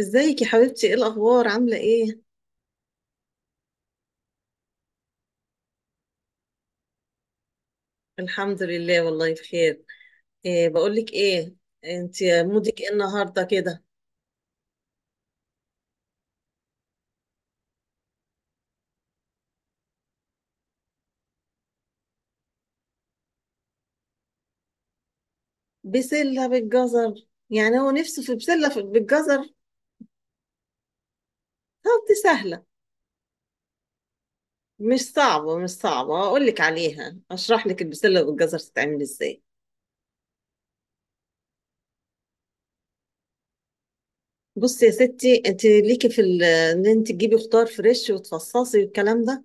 ازيك يا حبيبتي، ايه الاخبار؟ عامله ايه؟ الحمد لله والله بخير. إيه بقول لك ايه؟ انت مودك ايه النهارده كده؟ بسله بالجزر، يعني هو نفسه في بسله بالجزر؟ طب دي سهله، مش صعبه مش صعبه، اقول لك عليها، اشرح لك البسله بالجزر تتعمل ازاي. بصي يا ستي، انت ليكي ان انت تجيبي خضار فريش وتفصصي والكلام ده.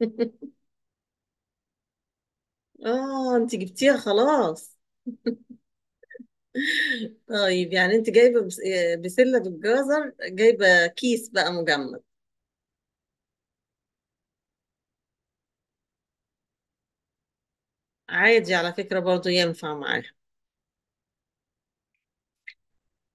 اه انت جبتيها خلاص. طيب يعني انت جايبه بسله بالجزر، جايبه كيس بقى مجمد. عادي، على فكره برضو ينفع معاها.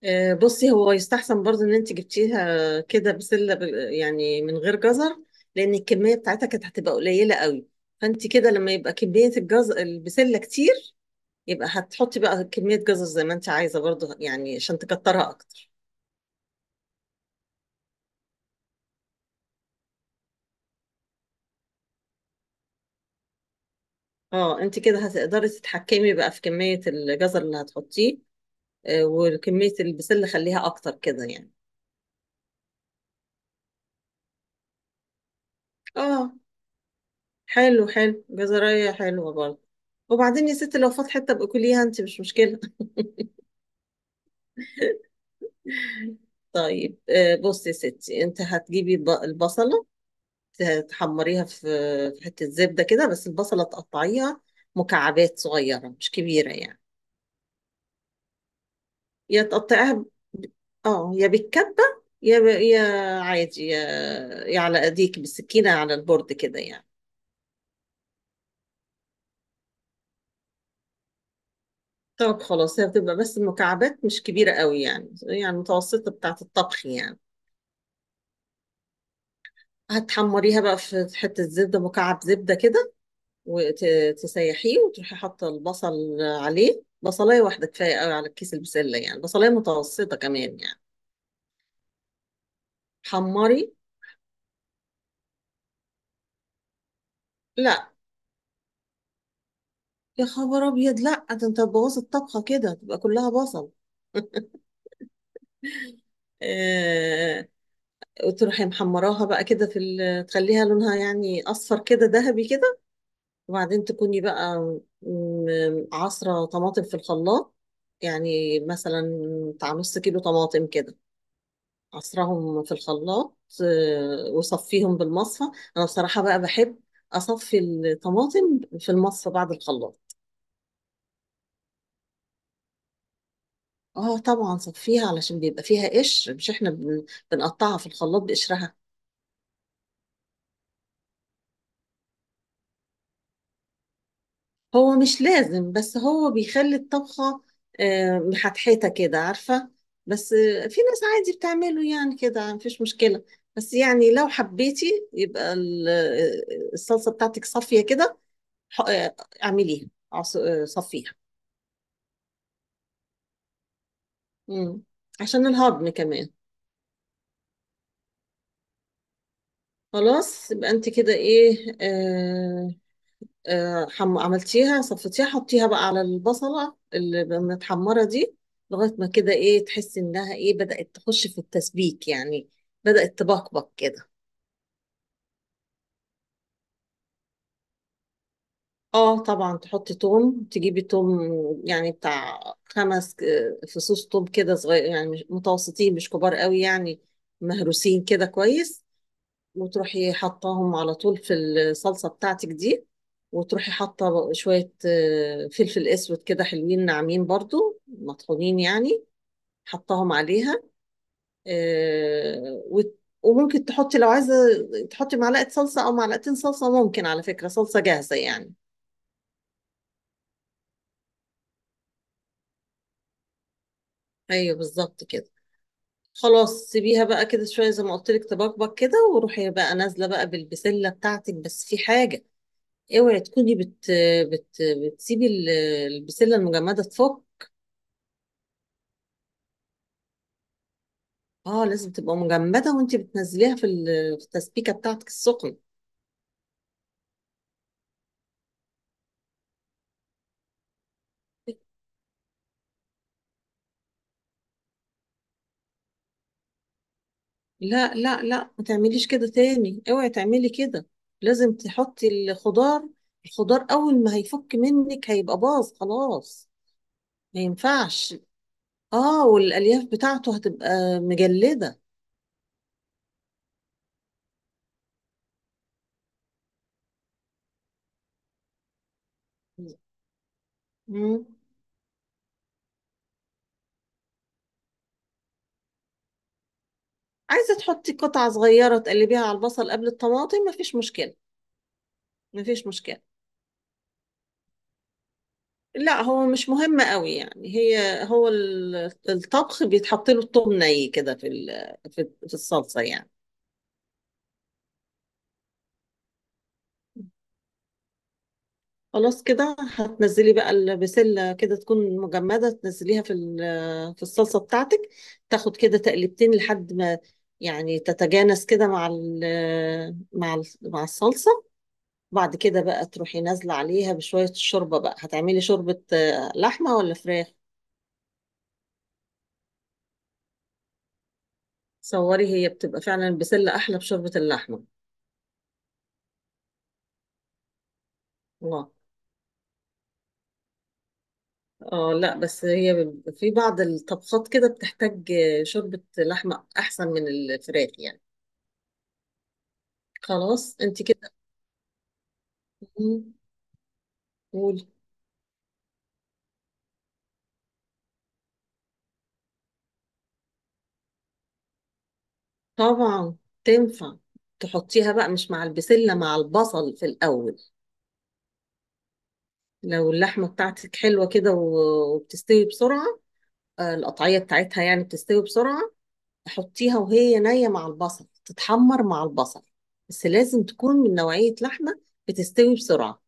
بصي، هو يستحسن برضو ان انت جبتيها كده بسله يعني من غير جزر. لان الكميه بتاعتها كانت هتبقى قليله قوي. فانت كده لما يبقى كميه الجزر البسله كتير، يببقى هتحطي بقى كميه جزر زي ما انت عايزه برضو يعني عشان تكترها اكتر. اه انت كده هتقدري تتحكمي بقى في كميه الجزر اللي هتحطيه. وكميه البسله خليها اكتر كده يعني. اه، حلو حلو، جزرية حلوة برضه. وبعدين يا ستي لو فات حتة ابقي كليها انت، مش مشكلة. طيب، بصي يا ستي، انت هتجيبي البصلة، تحمريها في حتة زبدة كده، بس البصلة تقطعيها مكعبات صغيرة مش كبيرة يعني. يا تقطعيها ب- اه، يا بالكبة، يا عادي، يا على ايديك بالسكينة على البورد كده يعني. طب خلاص، هي بتبقى بس المكعبات مش كبيرة قوي يعني، يعني متوسطة بتاعة الطبخ يعني. هتحمريها بقى في حتة زبدة، مكعب زبدة كده، وتسيحيه وتروحي حاطة البصل عليه. بصلاية واحدة كفاية قوي على الكيس البسلة يعني، بصلاية متوسطة كمان يعني. حمري. لا يا خبر أبيض، لا ده أنت هتبوظي الطبخة كده تبقى كلها بصل. آه. وتروحي محمراها بقى كده تخليها لونها يعني أصفر كده ذهبي كده. وبعدين تكوني بقى عصرة طماطم في الخلاط، يعني مثلا بتاع نص كيلو طماطم كده، عصرهم في الخلاط. وصفيهم بالمصفى. انا بصراحة بقى بحب اصفي الطماطم في المصفى بعد الخلاط. اه طبعا صفيها علشان بيبقى فيها قشر، مش احنا بنقطعها في الخلاط بقشرها. هو مش لازم بس هو بيخلي الطبخة محتحتة كده عارفة. بس في ناس عادي بتعمله يعني كده مفيش مشكلة. بس يعني لو حبيتي يبقى الصلصة بتاعتك صافية كده. ح- آه، اعمليها، صفيها. مم. عشان الهضم كمان. خلاص يبقى انت كده ايه، آه، عملتيها صفتيها، حطيها بقى على البصلة اللي متحمرة دي لغاية ما كده ايه تحسي انها ايه بدأت تخش في التسبيك يعني، بدأت تبقبق كده. اه طبعا تحطي توم، تجيبي توم يعني بتاع 5 فصوص توم كده، صغير يعني متوسطين مش كبار قوي يعني، مهروسين كده كويس. وتروحي حطاهم على طول في الصلصة بتاعتك دي. وتروحي حاطة شوية فلفل أسود كده حلوين ناعمين برضو مطحونين يعني، حطاهم عليها. وممكن تحطي لو عايزة، تحطي معلقة صلصة أو معلقتين صلصة. ممكن على فكرة صلصة جاهزة يعني. أيوه بالظبط كده. خلاص سيبيها بقى كده شوية زي ما قلت لك تبقبق كده، وروحي بقى نازلة بقى بالبسلة بتاعتك. بس في حاجة، اوعي تكوني بت بت بتسيبي البسله المجمده تفك. اه لازم تبقى مجمده وانت بتنزليها في التسبيكه بتاعتك السخنه. لا لا لا، ما تعمليش كده تاني، اوعي تعملي كده. لازم تحطي الخضار. الخضار اول ما هيفك منك هيبقى باظ خلاص. ما ينفعش. اه والالياف بتاعته هتبقى مجلده. مم. عايزه تحطي قطعه صغيره تقلبيها على البصل قبل الطماطم، مفيش مشكله. مفيش مشكله، لا هو مش مهم قوي يعني، هي هو الطبخ بيتحط له الثوم ني كده في ال- في في الصلصه يعني. خلاص، كده هتنزلي بقى البسله كده تكون مجمده، تنزليها في الصلصه بتاعتك. تاخد كده تقلبتين لحد ما يعني تتجانس كده مع الصلصه. بعد كده بقى تروحي نازله عليها بشويه الشوربه. بقى هتعملي شوربه لحمه ولا فراخ؟ صوري هي بتبقى فعلا البسله احلى بشوربه اللحمه. الله. اه لا بس هي بيبقى في بعض الطبخات كده بتحتاج شوربة لحمة أحسن من الفراخ يعني. خلاص انت كده. مم، قولي. طبعا تنفع. تحطيها بقى مش مع البسلة، مع البصل في الأول. لو اللحمة بتاعتك حلوة كده وبتستوي بسرعة، القطعية بتاعتها يعني بتستوي بسرعة، حطيها وهي نية مع البصل تتحمر مع البصل. بس لازم تكون من نوعية لحمة بتستوي بسرعة.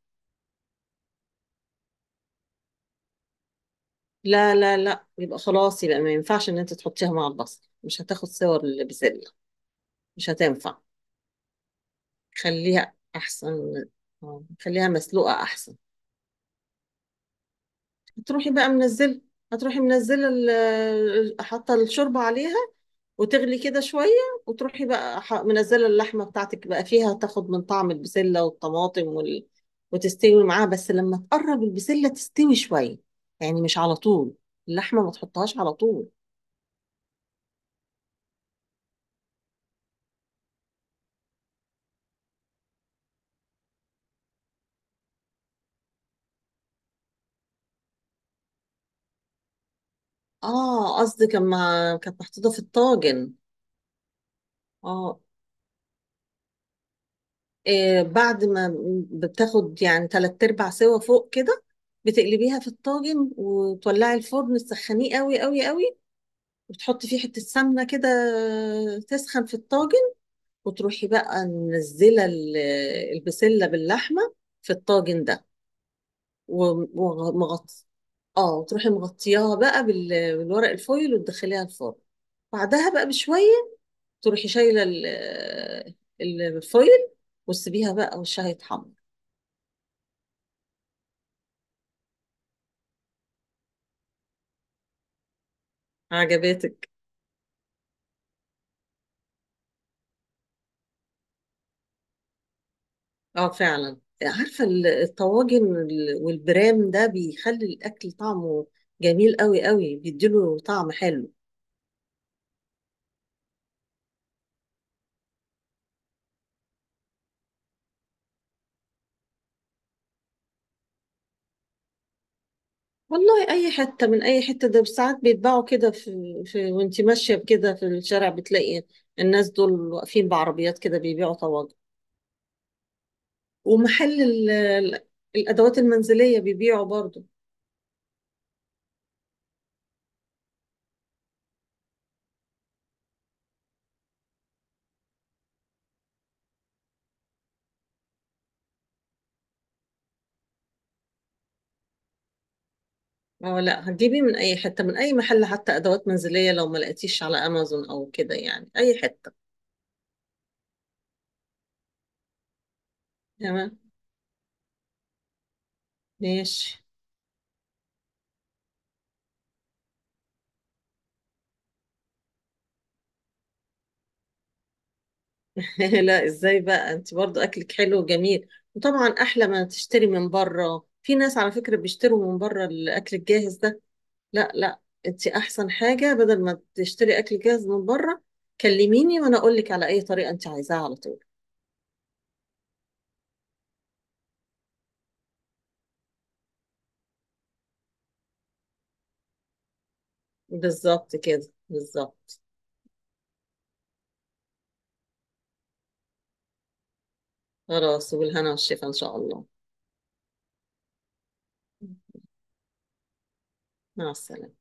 لا لا لا، يبقى خلاص، يبقى ما ينفعش ان انت تحطيها مع البصل، مش هتاخد صور البسلة. مش هتنفع. خليها احسن، خليها مسلوقة احسن. هتروحي بقى منزله. هتروحي منزله حاطه الشوربه عليها، وتغلي كده شويه. وتروحي بقى منزله اللحمه بتاعتك بقى فيها تاخد من طعم البسله والطماطم وتستوي معاها. بس لما تقرب البسله تستوي شويه، يعني مش على طول اللحمه ما تحطهاش على طول. اه قصدك اما كانت محطوطة في الطاجن. اه. إيه بعد ما بتاخد يعني تلات ارباع سوا فوق كده، بتقلبيها في الطاجن، وتولعي الفرن تسخنيه قوي قوي قوي، وتحطي فيه حتة سمنة كده تسخن في الطاجن. وتروحي بقى منزلة البسلة باللحمة في الطاجن ده ومغطي. اه وتروحي مغطياها بقى بالورق الفويل، وتدخليها الفرن. بعدها بقى بشوية، تروحي شايله الفويل، وتسيبيها بقى وشها يتحمر. عجباتك. اه فعلا. عارفه الطواجن والبرام ده بيخلي الاكل طعمه جميل قوي قوي، بيديله طعم حلو. والله اي حته من اي حته. ده ساعات بيتباعوا كده في وانتي ماشيه كده في الشارع بتلاقي الناس دول واقفين بعربيات كده بيبيعوا طواجن. ومحل الادوات المنزليه بيبيعوا برضو. اه لا، هتجيبيه من اي حته، من اي محل، حتى ادوات منزليه. لو ما لقيتيش على امازون او كده، يعني اي حته. تمام ماشي. لا ازاي بقى، انت برضو اكلك حلو وجميل. وطبعا احلى ما تشتري من بره. في ناس على فكره بيشتروا من بره الاكل الجاهز ده. لا لا، انت احسن حاجه بدل ما تشتري اكل جاهز من بره، كلميني وانا اقول لك على اي طريقه انت عايزاها على طول. بالظبط كده، بالظبط. خلاص، وبالهنا والشفا ان شاء الله. مع السلامه.